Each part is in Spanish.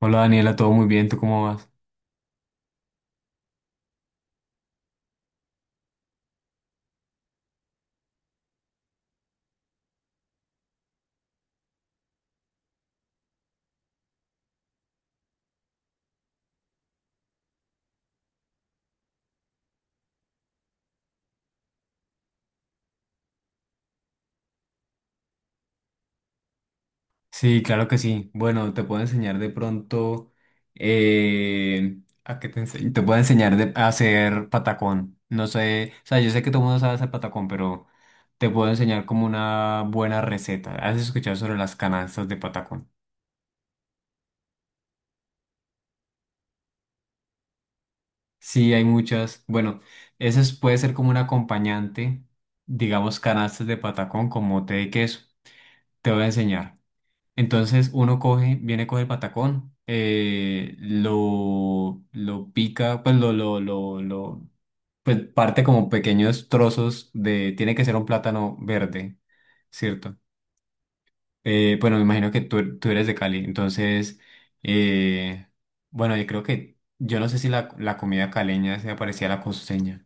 Hola Daniela, todo muy bien, ¿tú cómo vas? Sí, claro que sí. Bueno, te puedo enseñar de pronto eh, a qué te enseño. Te puedo enseñar a hacer patacón. No sé, o sea, yo sé que todo el mundo sabe hacer patacón, pero te puedo enseñar como una buena receta. ¿Has escuchado sobre las canastas de patacón? Sí, hay muchas. Bueno, eso puede ser como un acompañante, digamos, canastas de patacón con mote de queso. Te voy a enseñar. Entonces uno coge, viene, coge el patacón, lo pica, pues pues parte como pequeños trozos de, tiene que ser un plátano verde, ¿cierto? Bueno, me imagino que tú eres de Cali, entonces, eh, bueno, yo creo que, yo no sé si la comida caleña se parecía a la costeña.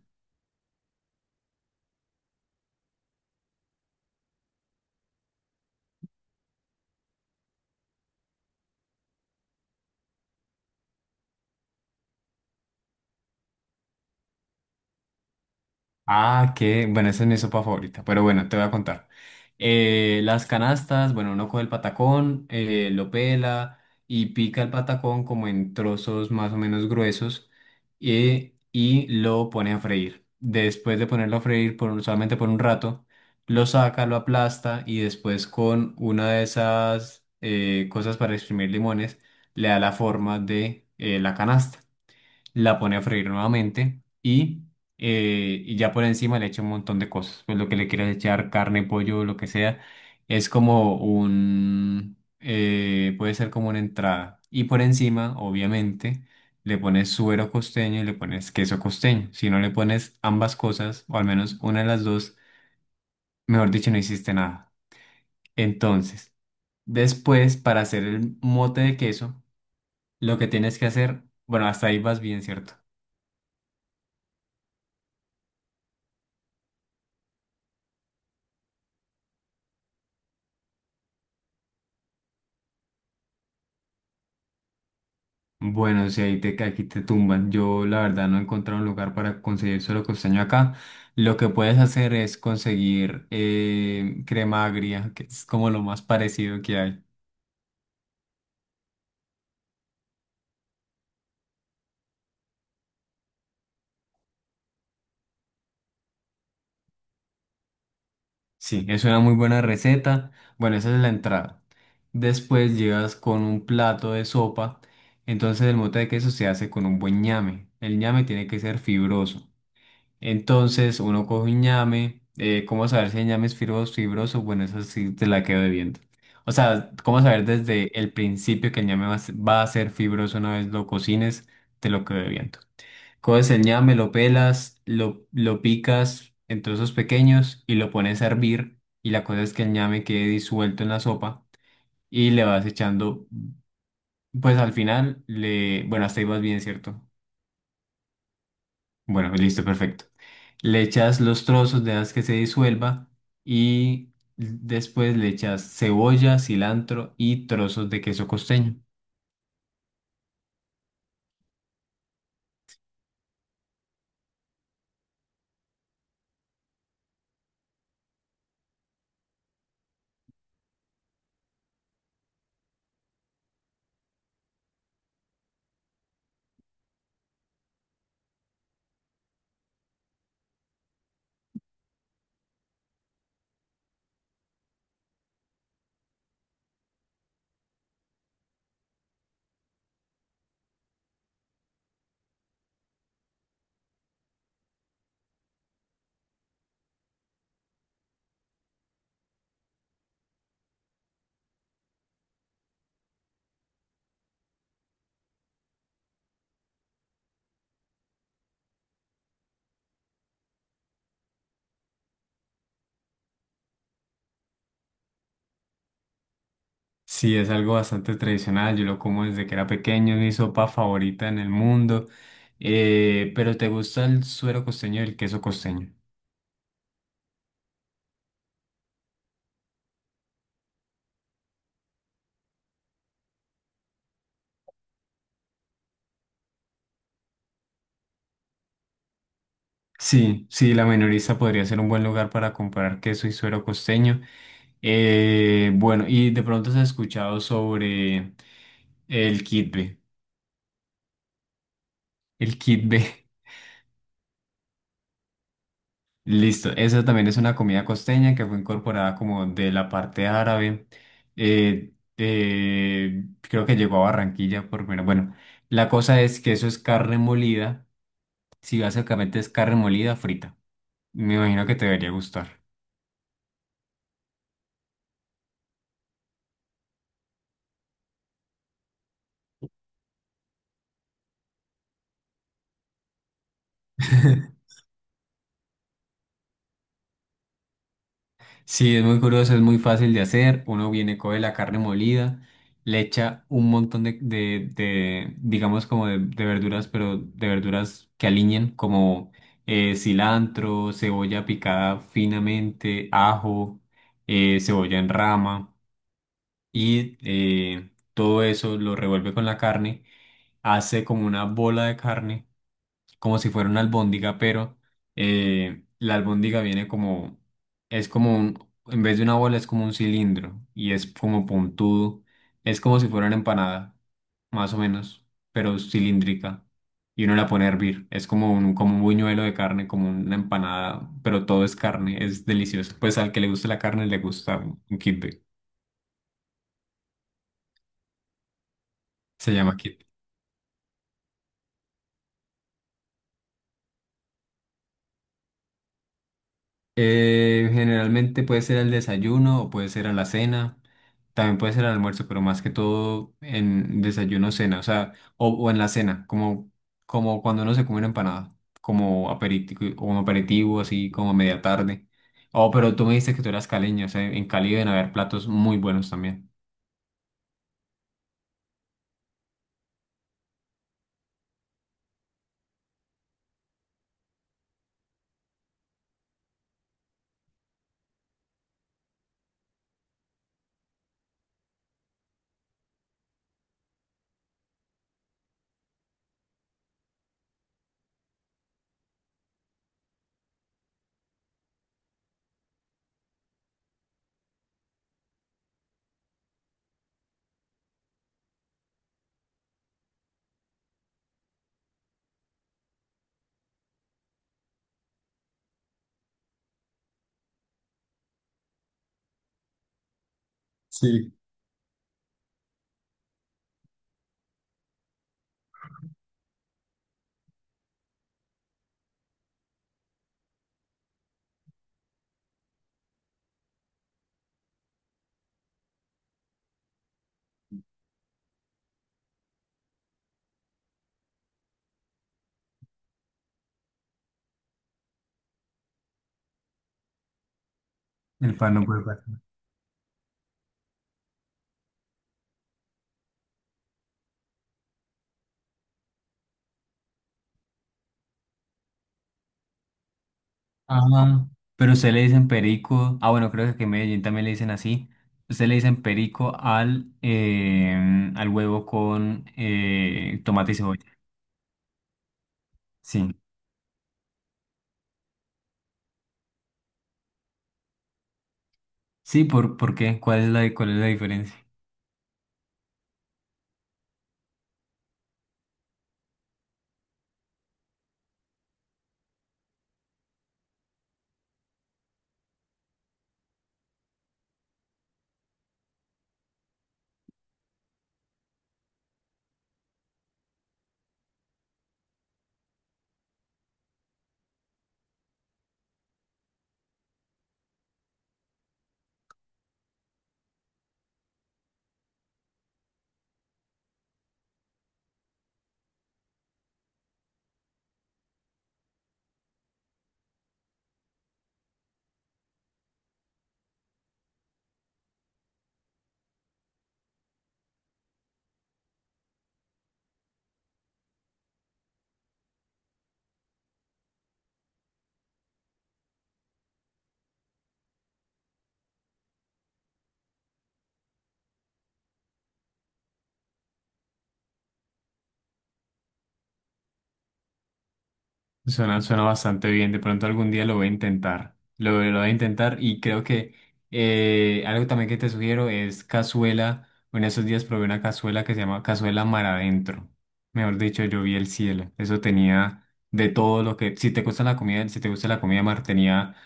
Ah, qué, bueno, esa es mi sopa favorita, pero bueno, te voy a contar. Las canastas, bueno, uno coge el patacón, lo pela y pica el patacón como en trozos más o menos gruesos y lo pone a freír. Después de ponerlo a freír por, solamente por un rato, lo saca, lo aplasta y después con una de esas cosas para exprimir limones le da la forma de la canasta, la pone a freír nuevamente y ya por encima le echa un montón de cosas. Pues lo que le quieras echar, carne, pollo, lo que sea, es como un, puede ser como una entrada. Y por encima, obviamente, le pones suero costeño y le pones queso costeño. Si no le pones ambas cosas, o al menos una de las dos, mejor dicho, no hiciste nada. Entonces, después, para hacer el mote de queso, lo que tienes que hacer, bueno, hasta ahí vas bien, ¿cierto? Bueno, si ahí aquí te tumban, yo la verdad no he encontrado un lugar para conseguir suero costeño acá. Lo que puedes hacer es conseguir crema agria, que es como lo más parecido que hay. Sí, es una muy buena receta. Bueno, esa es la entrada. Después llegas con un plato de sopa. Entonces el mote de queso se hace con un buen ñame. El ñame tiene que ser fibroso. Entonces uno coge un ñame. ¿Cómo saber si el ñame es fibroso fibroso? Bueno, eso sí te la quedo debiendo. O sea, ¿cómo saber desde el principio que el ñame va a ser fibroso una vez lo cocines? Te lo quedo debiendo. Coges el ñame, lo pelas, lo picas en trozos pequeños y lo pones a hervir. Y la cosa es que el ñame quede disuelto en la sopa y le vas echando, pues al final, le, bueno, hasta ahí vas bien, ¿cierto? Bueno, listo, perfecto. Le echas los trozos, dejas que se disuelva y después le echas cebolla, cilantro y trozos de queso costeño. Sí, es algo bastante tradicional, yo lo como desde que era pequeño, es mi sopa favorita en el mundo. Pero ¿te gusta el suero costeño y el queso costeño? Sí, sí, la minorista podría ser un buen lugar para comprar queso y suero costeño. Bueno, y de pronto has escuchado sobre el kitbe. El kitbe. Listo, esa también es una comida costeña que fue incorporada como de la parte árabe. Creo que llegó a Barranquilla por primera. Bueno, la cosa es que eso es carne molida. Sí, básicamente es carne molida frita. Me imagino que te debería gustar. Sí, es muy curioso, es muy fácil de hacer. Uno viene, coge la carne molida, le echa un montón de digamos, como de verduras, pero de verduras que aliñen, como cilantro, cebolla picada finamente, ajo, cebolla en rama, y todo eso lo revuelve con la carne, hace como una bola de carne como si fuera una albóndiga, pero la albóndiga viene como, es como un, en vez de una bola es como un cilindro y es como puntudo, es como si fuera una empanada, más o menos, pero cilíndrica. Y uno la pone a hervir, es como un buñuelo de carne, como una empanada, pero todo es carne, es delicioso. Pues al que le guste la carne le gusta un kibbeh, se llama kibbeh. Generalmente puede ser al desayuno o puede ser a la cena, también puede ser al almuerzo, pero más que todo en desayuno, cena, o sea, o en la cena, como, como cuando uno se come una empanada, como aperitivo, un aperitivo, así como a media tarde. Oh, pero tú me dijiste que tú eras caleño, o sea, en Cali deben haber platos muy buenos también. Sí. El pan no puede faltar. Ah, pero usted le dicen perico. Ah, bueno, creo que en Medellín también le dicen así. Usted le dicen perico al, al huevo con tomate y cebolla. Sí. Sí, por qué? ¿Cuál es cuál es la diferencia? Suena, suena bastante bien. De pronto algún día lo voy a intentar. Lo voy a intentar y creo que algo también que te sugiero es cazuela. En esos días probé una cazuela que se llama cazuela mar adentro. Mejor dicho, yo vi el cielo. Eso tenía de todo lo que... Si te gusta la comida, si te gusta la comida mar, tenía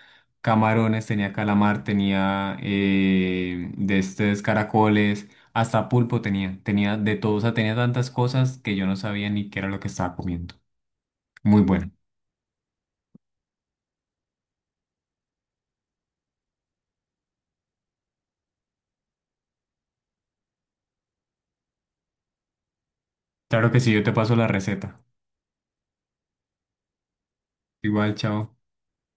camarones, tenía calamar, tenía de estos caracoles, hasta pulpo tenía. Tenía de todo. O sea, tenía tantas cosas que yo no sabía ni qué era lo que estaba comiendo. Muy bueno. Claro que sí, yo te paso la receta. Igual, chao.